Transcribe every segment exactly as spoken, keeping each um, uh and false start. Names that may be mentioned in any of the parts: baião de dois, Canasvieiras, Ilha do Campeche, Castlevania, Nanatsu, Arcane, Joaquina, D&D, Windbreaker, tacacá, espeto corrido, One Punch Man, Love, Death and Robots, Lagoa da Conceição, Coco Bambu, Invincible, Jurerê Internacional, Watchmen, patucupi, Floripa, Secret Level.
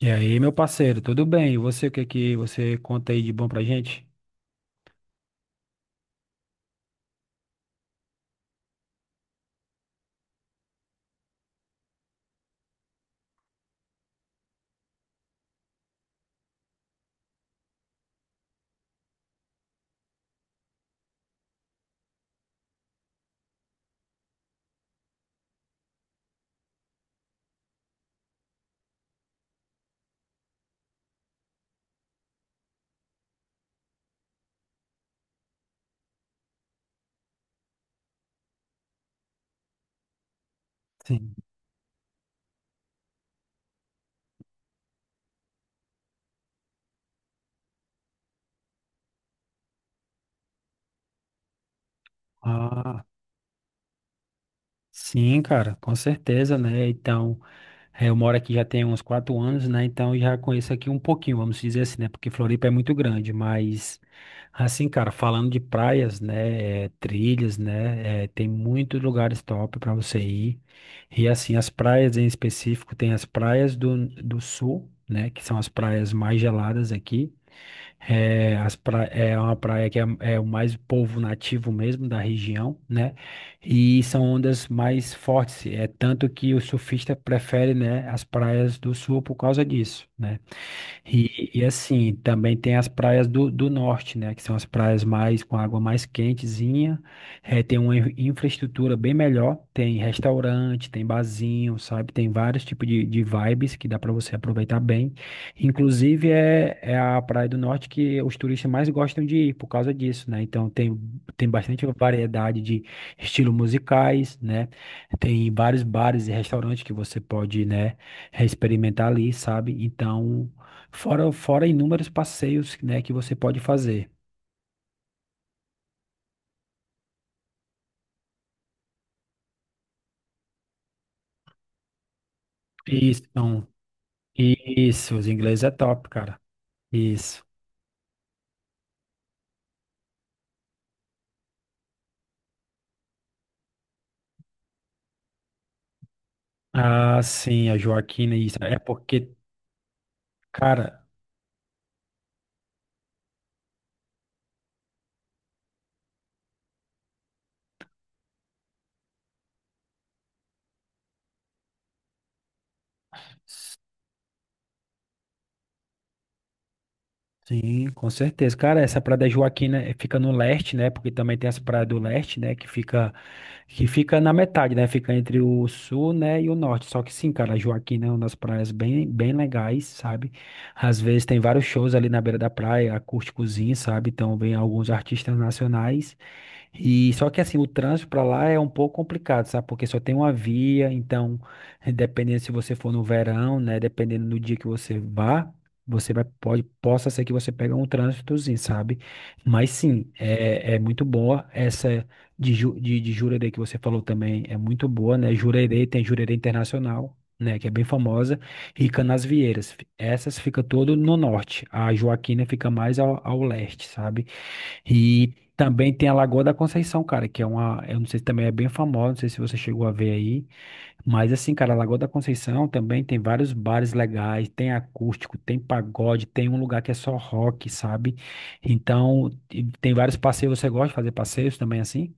E aí, meu parceiro, tudo bem? E você, o que que você conta aí de bom pra gente? Sim. Ah, sim, cara, com certeza, né? Então, eh, eu moro aqui já tem uns quatro anos, né? Então, já conheço aqui um pouquinho, vamos dizer assim, né? Porque Floripa é muito grande, mas, assim, cara, falando de praias, né? Eh, trilhas, né? Eh, tem muitos lugares top pra você ir. E, assim, as praias em específico, tem as praias do, do sul, né? Que são as praias mais geladas aqui. É, as pra- é uma praia que é, é o mais povo nativo mesmo da região, né? E são ondas mais fortes. É tanto que o surfista prefere, né, as praias do sul por causa disso, né? E, e assim, também tem as praias do, do norte, né? Que são as praias mais com água mais quentezinha. Eh, tem uma in- infraestrutura bem melhor. Tem restaurante, tem barzinho, sabe? Tem vários tipos de, de vibes que dá para você aproveitar bem. Inclusive, é, é a praia do norte que os turistas mais gostam de ir por causa disso, né? Então, tem, tem bastante variedade de estilos musicais, né? Tem vários bares e restaurantes que você pode, né? É experimentar ali, sabe? Então, Fora, fora inúmeros passeios, né, que você pode fazer. Isso, então, isso, os ingleses é top, cara. Isso. Ah, sim, a Joaquina, isso. É porque, cara. Sim, com certeza. Cara, essa Praia da Joaquina eh, fica no leste, né? Porque também tem essa praia do leste, né? Que fica, que fica na metade, né? Fica entre o sul, né? E o norte. Só que sim, cara, a Joaquina é uma das praias bem, bem legais, sabe? Às vezes tem vários shows ali na beira da praia, acústicozinho, sabe? Então vem alguns artistas nacionais. E só que assim, o trânsito para lá é um pouco complicado, sabe? Porque só tem uma via, então, dependendo se você for no verão, né, dependendo do dia que você vá, você vai pode possa ser que você pegue um trânsitozinho, sabe? Mas sim, é, é muito boa essa de, Ju- de, de Jurerê que você falou também, é muito boa, né? Jurerê tem Jurerê Internacional. Né, que é bem famosa, e Canasvieiras. Essas fica todo no norte. A Joaquina fica mais ao, ao leste, sabe? E também tem a Lagoa da Conceição, cara, que é uma, eu não sei se também é bem famosa, não sei se você chegou a ver aí, mas assim, cara, a Lagoa da Conceição também tem vários bares legais, tem acústico, tem pagode, tem um lugar que é só rock, sabe? Então, e tem vários passeios, você gosta de fazer passeios também assim?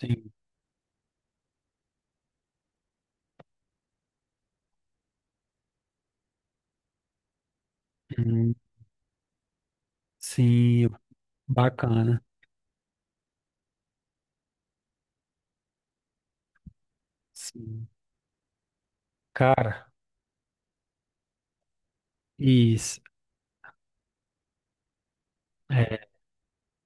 Sim. Hum, sim, bacana. Sim. Cara, isso.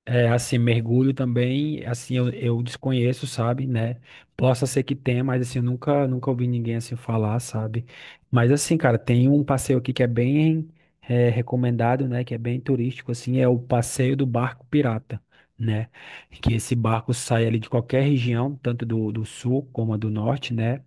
É, assim, mergulho também, assim, eu, eu desconheço, sabe, né? Possa ser que tenha, mas assim, eu nunca, nunca ouvi ninguém assim falar, sabe? Mas assim, cara, tem um passeio aqui que é bem é, recomendado, né? Que é bem turístico, assim, é o passeio do barco pirata, né? Que esse barco sai ali de qualquer região, tanto do, do sul como a do norte, né?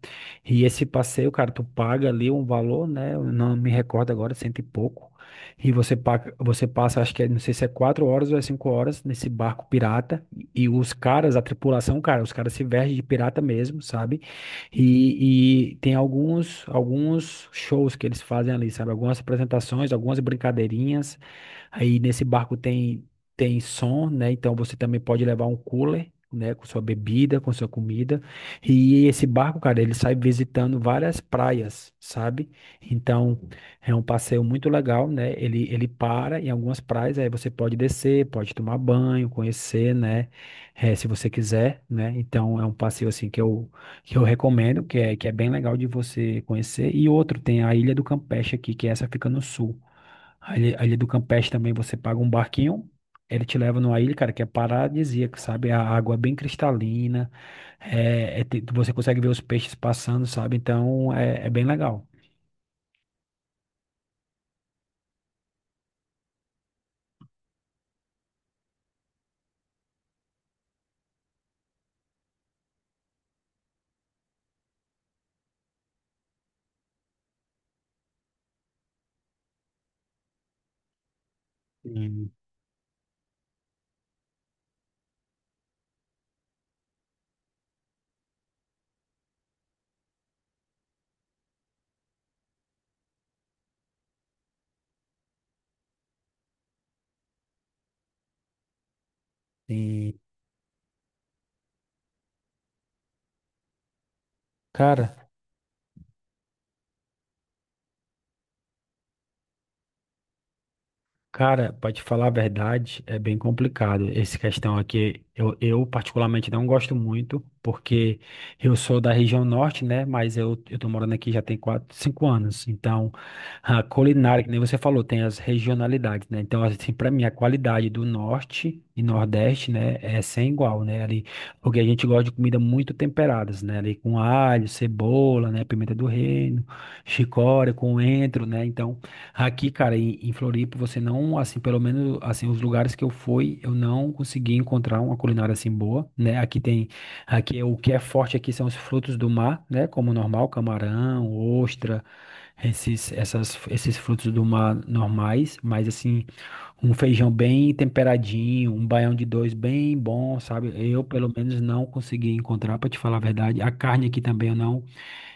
E esse passeio, cara, tu paga ali um valor, né? Eu não me recordo agora, cento e pouco. E você, pa- você passa, acho que é, não sei se é quatro horas ou é cinco horas nesse barco pirata. E e os caras, a tripulação, cara, os caras se vestem de pirata mesmo, sabe? E, e tem alguns, alguns shows que eles fazem ali, sabe? Algumas apresentações, algumas brincadeirinhas. Aí nesse barco tem tem som, né? Então você também pode levar um cooler, né, com sua bebida, com sua comida. E esse barco, cara, ele sai visitando várias praias, sabe? Então é um passeio muito legal, né? Ele ele para em algumas praias, aí você pode descer, pode tomar banho, conhecer, né? Eh, se você quiser, né? Então é um passeio assim que eu que eu recomendo, que é, que é bem legal de você conhecer. E outro, tem a Ilha do Campeche aqui, que essa fica no sul. A Ilha, a Ilha do Campeche também você paga um barquinho, ele te leva numa ilha, cara, que é paradisíaca, sabe? A água é bem cristalina, é, é te- você consegue ver os peixes passando, sabe? Então é, é bem legal. Sim, sim. Cara, Cara, pra te falar a verdade, é bem complicado essa questão aqui. Eu, eu particularmente não gosto muito, porque eu sou da região norte, né? Mas eu, eu tô morando aqui já tem quatro, cinco anos. Então, a culinária, que nem você falou, tem as regionalidades, né? Então, assim, pra mim, a qualidade do norte e nordeste, né, é sem igual, né? Ali, porque a gente gosta de comida muito temperadas, né? Ali com alho, cebola, né? Pimenta do reino, chicória, coentro, né? Então. Aqui, cara, em, em Floripa, você não, assim, pelo menos, assim, os lugares que eu fui, eu não consegui encontrar uma culinária assim boa, né? Aqui tem, aqui é, o que é forte aqui são os frutos do mar, né? Como normal, camarão, ostra, esses, essas, esses frutos do mar normais, mas assim, um feijão bem temperadinho, um baião de dois bem bom, sabe? Eu, pelo menos, não consegui encontrar, para te falar a verdade. A carne aqui também eu não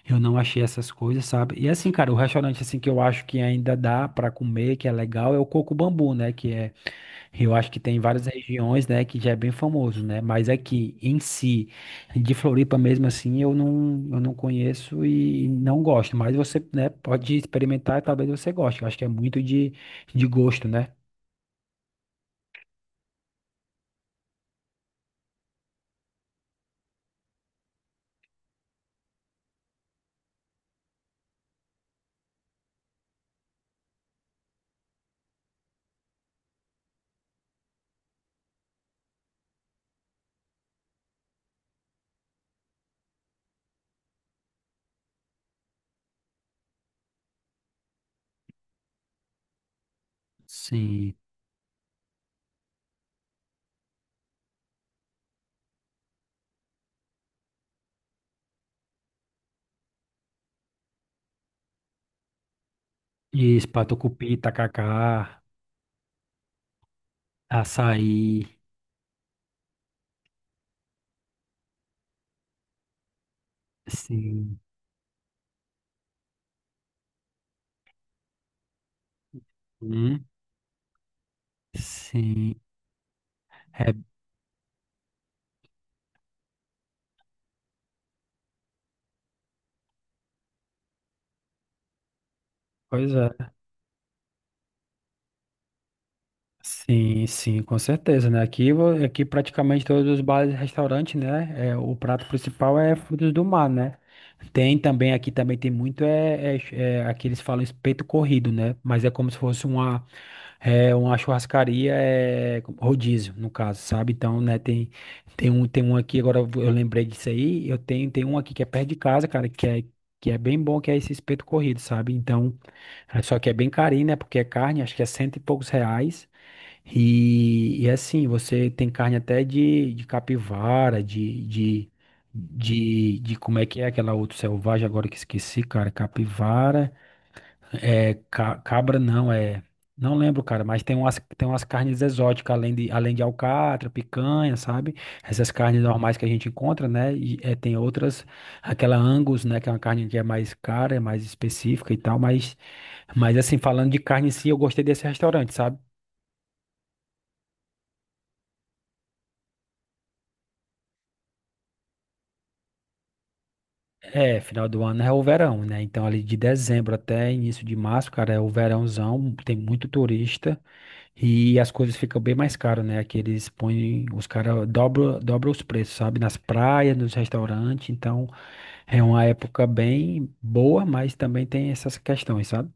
eu não achei essas coisas, sabe? E assim, cara, o restaurante assim que eu acho que ainda dá pra comer, que é legal, é o Coco Bambu, né? Que é, eu acho que tem em várias regiões, né? Que já é bem famoso, né? Mas aqui em si, de Floripa mesmo assim, eu não, eu não conheço e não gosto. Mas você, né? Pode experimentar, e talvez você goste. Eu acho que é muito de, de gosto, né? Sim. Isso, patucupi, tacacá, açaí, sim. Hum, sim. É, pois é. Sim, sim, com certeza, né? Aqui, vo- aqui praticamente todos os bares e restaurantes, né? É, o prato principal é frutos do mar, né? Tem também, aqui também tem muito, é, é, é, aqui eles falam espeto corrido, né? Mas é como se fosse uma, é, uma churrascaria, é, rodízio, no caso, sabe? Então, né, tem, tem um, tem um aqui, agora eu lembrei disso aí, eu tenho, tem um aqui que é perto de casa, cara, que é, que é bem bom, que é esse espeto corrido, sabe? Então, é, só que é bem carinho, né? Porque é carne, acho que é cento e poucos reais. E, e assim, você tem carne até de, de capivara, de, de, de, de como é que é aquela outra selvagem, agora que esqueci, cara, capivara, é, ca- cabra não, é, não lembro, cara, mas tem umas, tem umas carnes exóticas, além de, além de alcatra, picanha, sabe? Essas carnes normais que a gente encontra, né? E, é, tem outras, aquela Angus, né, que é uma carne que é mais cara, é mais específica e tal, mas, mas assim, falando de carne em si, eu gostei desse restaurante, sabe? É, final do ano é o verão, né? Então, ali de dezembro até início de março, cara, é o verãozão, tem muito turista e as coisas ficam bem mais caras, né? Aqui eles põem, os caras dobram, dobram os preços, sabe? Nas praias, nos restaurantes. Então, é uma época bem boa, mas também tem essas questões, sabe?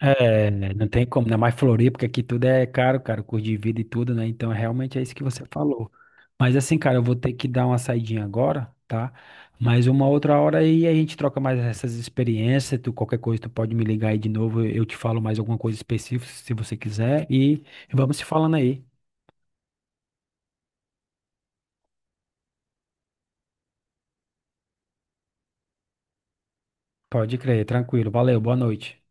É, não tem como, ainda mais Floripa, porque aqui tudo é caro, cara, o custo de vida e tudo, né? Então, realmente é isso que você falou. Mas assim, cara, eu vou ter que dar uma saidinha agora, tá? Mas uma outra hora aí a gente troca mais essas experiências, tu, qualquer coisa tu pode me ligar aí de novo, eu te falo mais alguma coisa específica se você quiser e vamos se falando aí. Pode crer, tranquilo. Valeu, boa noite.